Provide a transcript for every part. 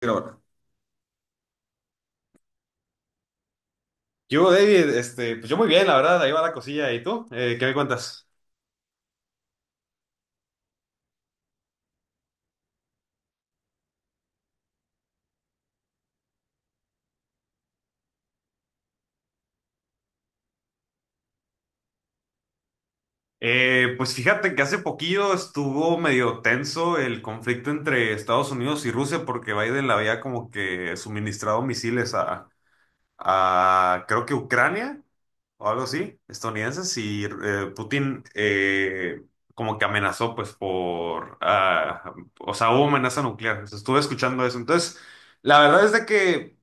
Grabando. Yo, David, pues yo muy bien, la verdad, ahí va la cosilla. ¿Y tú? ¿Qué me cuentas? Pues fíjate que hace poquillo estuvo medio tenso el conflicto entre Estados Unidos y Rusia porque Biden le había como que suministrado misiles a creo que Ucrania o algo así, estadounidenses, y Putin como que amenazó, pues, o sea, hubo amenaza nuclear. O sea, estuve escuchando eso. Entonces, la verdad es de que,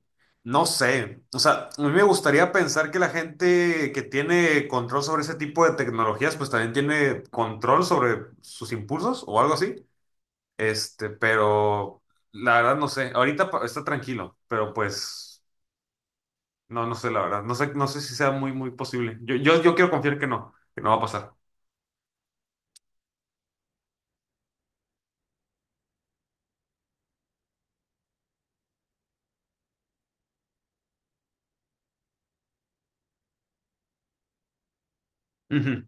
no sé, o sea, a mí me gustaría pensar que la gente que tiene control sobre ese tipo de tecnologías, pues también tiene control sobre sus impulsos o algo así. Pero la verdad no sé, ahorita está tranquilo, pero pues... No, no sé, la verdad. No sé, no sé si sea muy, muy posible. Yo quiero confiar que no va a pasar. Ujú.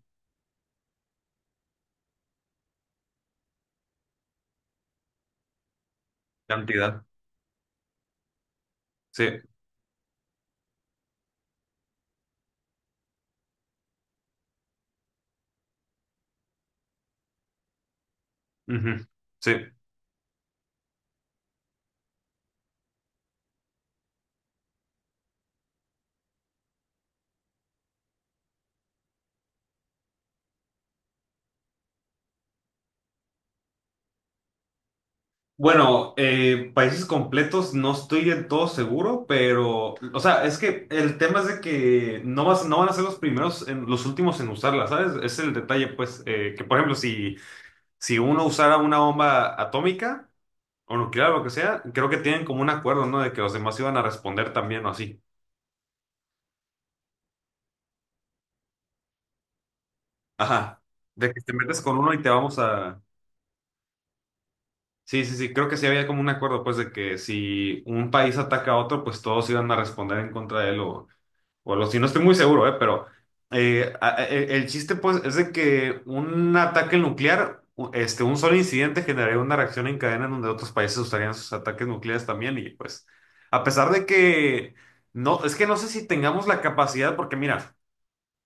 Cantidad. Sí. Ujú. Sí. Bueno, países completos no estoy del todo seguro, pero, o sea, es que el tema es de que no van a ser los primeros, en, los últimos en usarla, ¿sabes? Ese es el detalle, pues, que por ejemplo, si uno usara una bomba atómica o nuclear o lo que sea, creo que tienen como un acuerdo, ¿no? De que los demás iban a responder también o así. Ajá, de que te metes con uno y te vamos a... Sí, sí, sí, creo que sí había como un acuerdo, pues, de que si un país ataca a otro, pues todos iban a responder en contra de él o algo así. No estoy muy seguro, ¿eh? Pero el chiste, pues, es de que un ataque nuclear, un solo incidente generaría una reacción en cadena en donde otros países usarían sus ataques nucleares también y, pues, a pesar de que... No, es que no sé si tengamos la capacidad, porque mira...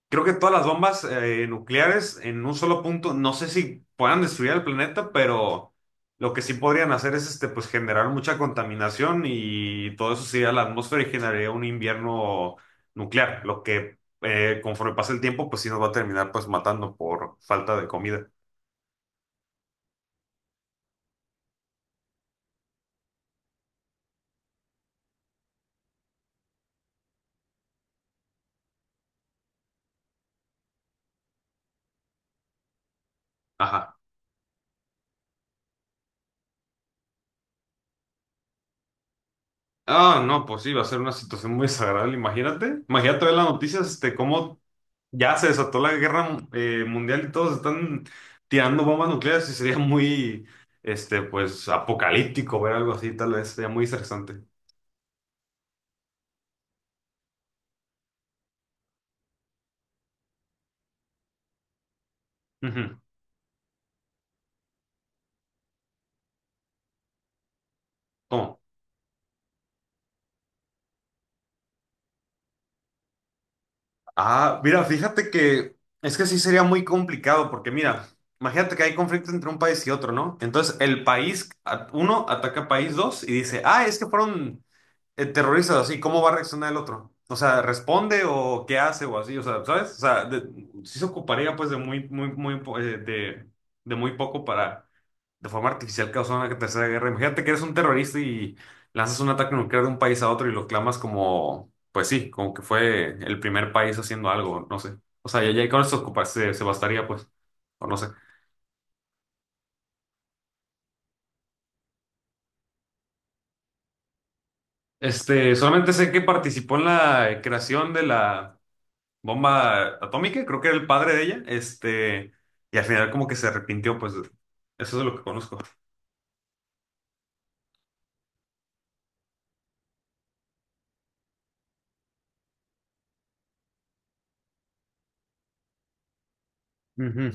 Creo que todas las bombas nucleares en un solo punto, no sé si puedan destruir el planeta, pero lo que sí podrían hacer es pues generar mucha contaminación y todo eso se iría a la atmósfera y generaría un invierno nuclear, lo que conforme pasa el tiempo, pues sí nos va a terminar pues matando por falta de comida. Ajá. Ah, no, pues sí, va a ser una situación muy desagradable, imagínate. Imagínate ver las noticias, cómo ya se desató la guerra mundial y todos están tirando bombas nucleares y sería muy, pues, apocalíptico ver algo así, tal vez, sería muy interesante. Ujú. ¿Cómo? Ah, mira, fíjate que es que sí sería muy complicado porque mira, imagínate que hay conflicto entre un país y otro, ¿no? Entonces uno, ataca a país dos y dice, ah, es que fueron terrorizas así, ¿cómo va a reaccionar el otro? O sea, ¿responde o qué hace o así? O sea, ¿sabes? Sí se ocuparía pues de muy, muy, muy, de muy poco para de forma artificial causar una tercera guerra. Imagínate que eres un terrorista y lanzas un ataque nuclear de un país a otro y lo clamas como, pues sí, como que fue el primer país haciendo algo, no sé. O sea, ya, ya con eso se bastaría pues, o no sé. Solamente sé que participó en la creación de la bomba atómica, creo que era el padre de ella, y al final como que se arrepintió, pues eso es lo que conozco. Ujú.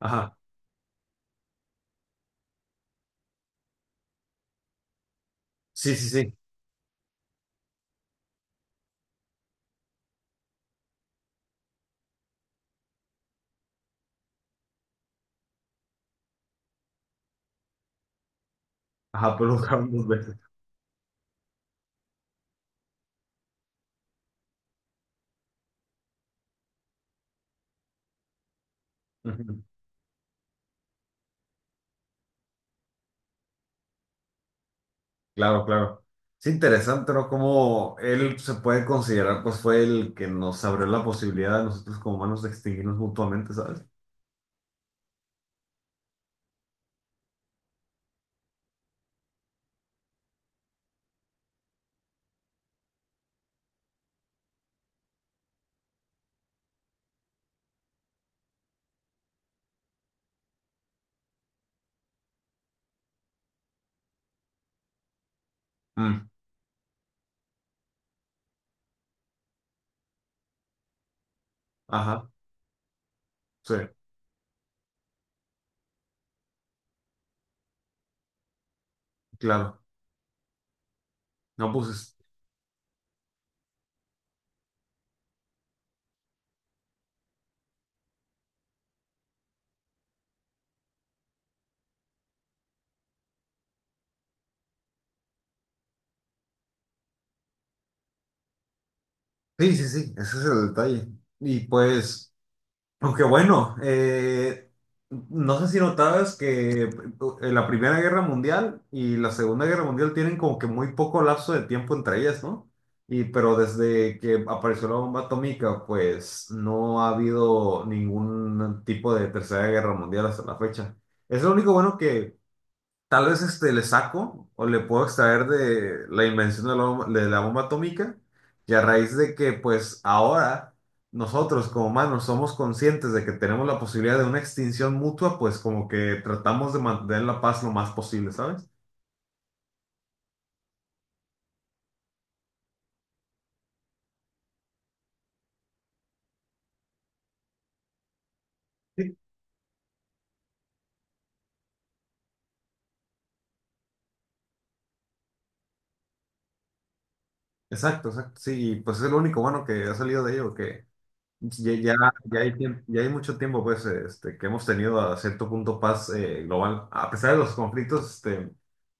Ajá. Sí, sí, sí. Ajá, pues lo buscaron dos veces. Ujú. Claro, claro. Es interesante, ¿no? Cómo él se puede considerar, pues fue el que nos abrió la posibilidad a nosotros como humanos de extinguirnos mutuamente, ¿sabes? Mm. Ajá, sí, claro. No, pues es- sí, sí, sí, ese es el detalle. Y pues. Aunque bueno, no sé si notabas que la Primera Guerra Mundial y la Segunda Guerra Mundial tienen como que muy poco lapso de tiempo entre ellas, ¿no? Y pero desde que apareció la bomba atómica, pues no ha habido ningún tipo de Tercera Guerra Mundial hasta la fecha. Es lo único bueno que tal vez le saco o le puedo extraer de la invención de la bomba atómica y a raíz de que pues ahora nosotros como humanos somos conscientes de que tenemos la posibilidad de una extinción mutua, pues como que tratamos de mantener la paz lo más posible, ¿sabes? Sí. Exacto, exacto. Sí, y, pues es lo único bueno que ha salido de ello, que ya, ya, ya hay, ya hay mucho tiempo pues, que hemos tenido a cierto punto paz global, a pesar de los conflictos este,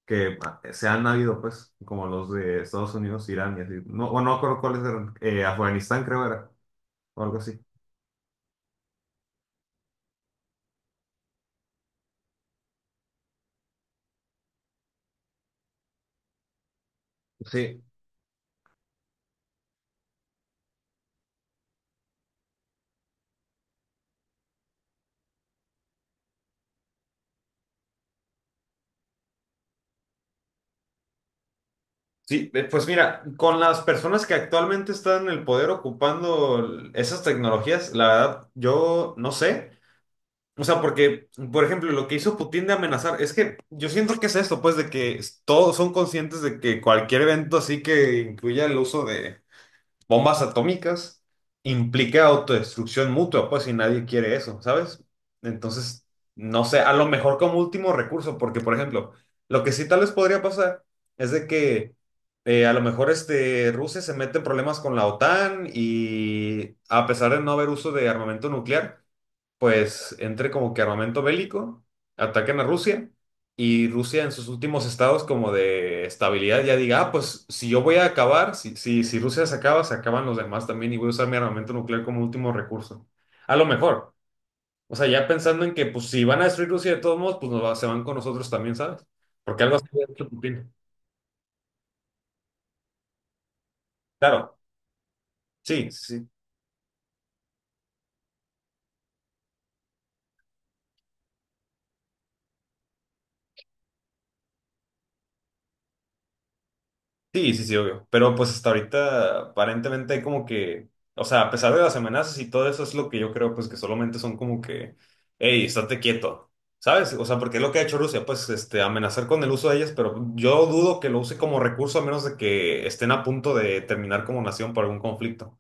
que se han habido, pues, como los de Estados Unidos, Irán y así. No, o no acuerdo cuáles eran, Afganistán creo era, o algo así. Sí, sí, pues mira, con las personas que actualmente están en el poder ocupando esas tecnologías, la verdad, yo no sé. O sea, porque, por ejemplo, lo que hizo Putin de amenazar, es que yo siento que es esto, pues, de que todos son conscientes de que cualquier evento así que incluya el uso de bombas atómicas implica autodestrucción mutua, pues, y nadie quiere eso, ¿sabes? Entonces, no sé, a lo mejor como último recurso, porque, por ejemplo, lo que sí tal vez podría pasar es de que a lo mejor Rusia se mete en problemas con la OTAN y a pesar de no haber uso de armamento nuclear, pues entre como que armamento bélico, ataquen a Rusia y Rusia en sus últimos estados como de estabilidad ya diga, ah, pues si yo voy a acabar, si Rusia se acaba, se acaban los demás también y voy a usar mi armamento nuclear como último recurso. A lo mejor. O sea, ya pensando en que pues si van a destruir Rusia de todos modos, pues se van con nosotros también, ¿sabes? Porque algo así de hecho Putin. Claro, sí, sí, sí. Sí, sí, sí, obvio. Pero pues hasta ahorita aparentemente hay como que, o sea, a pesar de las amenazas y todo eso, es lo que yo creo, pues que solamente son como que, hey, estate quieto, ¿sabes? O sea, porque es lo que ha hecho Rusia, pues amenazar con el uso de ellas, pero yo dudo que lo use como recurso a menos de que estén a punto de terminar como nación por algún conflicto.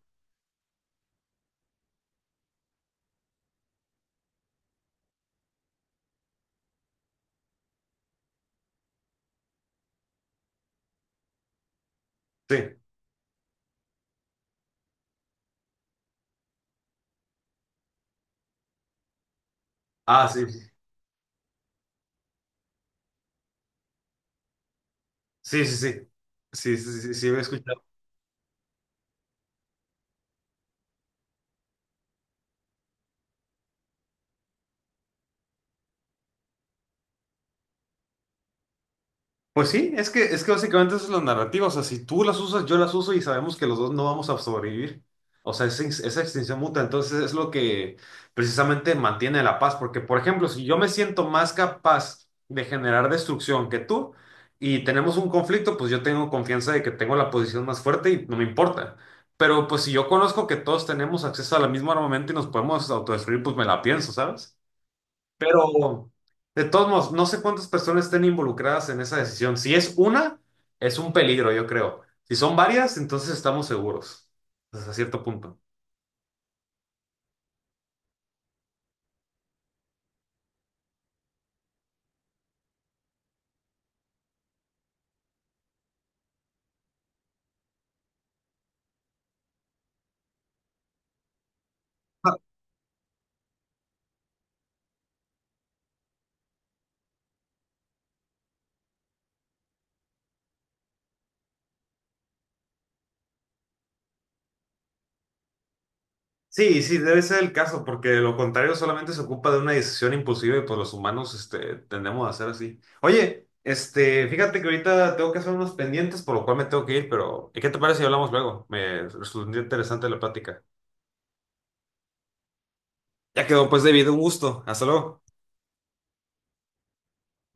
Sí. Ah, sí. Sí, sí, sí. Sí, sí, sí, sí, sí, escuchado. Pues sí, es que básicamente esa es la narrativa. O sea, si tú las usas, yo las uso y sabemos que los dos no vamos a sobrevivir. O sea, esa extinción mutua. Entonces es lo que precisamente mantiene la paz. Porque, por ejemplo, si yo me siento más capaz de generar destrucción que tú y tenemos un conflicto, pues yo tengo confianza de que tengo la posición más fuerte y no me importa. Pero pues si yo conozco que todos tenemos acceso a la misma armamento y nos podemos autodestruir, pues me la pienso, ¿sabes? Pero, de todos modos, no sé cuántas personas estén involucradas en esa decisión. Si es una, es un peligro, yo creo. Si son varias, entonces estamos seguros, hasta cierto punto. Ah, sí, sí, debe ser el caso, porque de lo contrario solamente se ocupa de una decisión impulsiva y pues los humanos, tendemos a hacer así. Oye, fíjate que ahorita tengo que hacer unos pendientes, por lo cual me tengo que ir, pero ¿qué te parece si hablamos luego? Me resultó interesante la plática. Ya quedó, pues, David, un gusto. Hasta luego.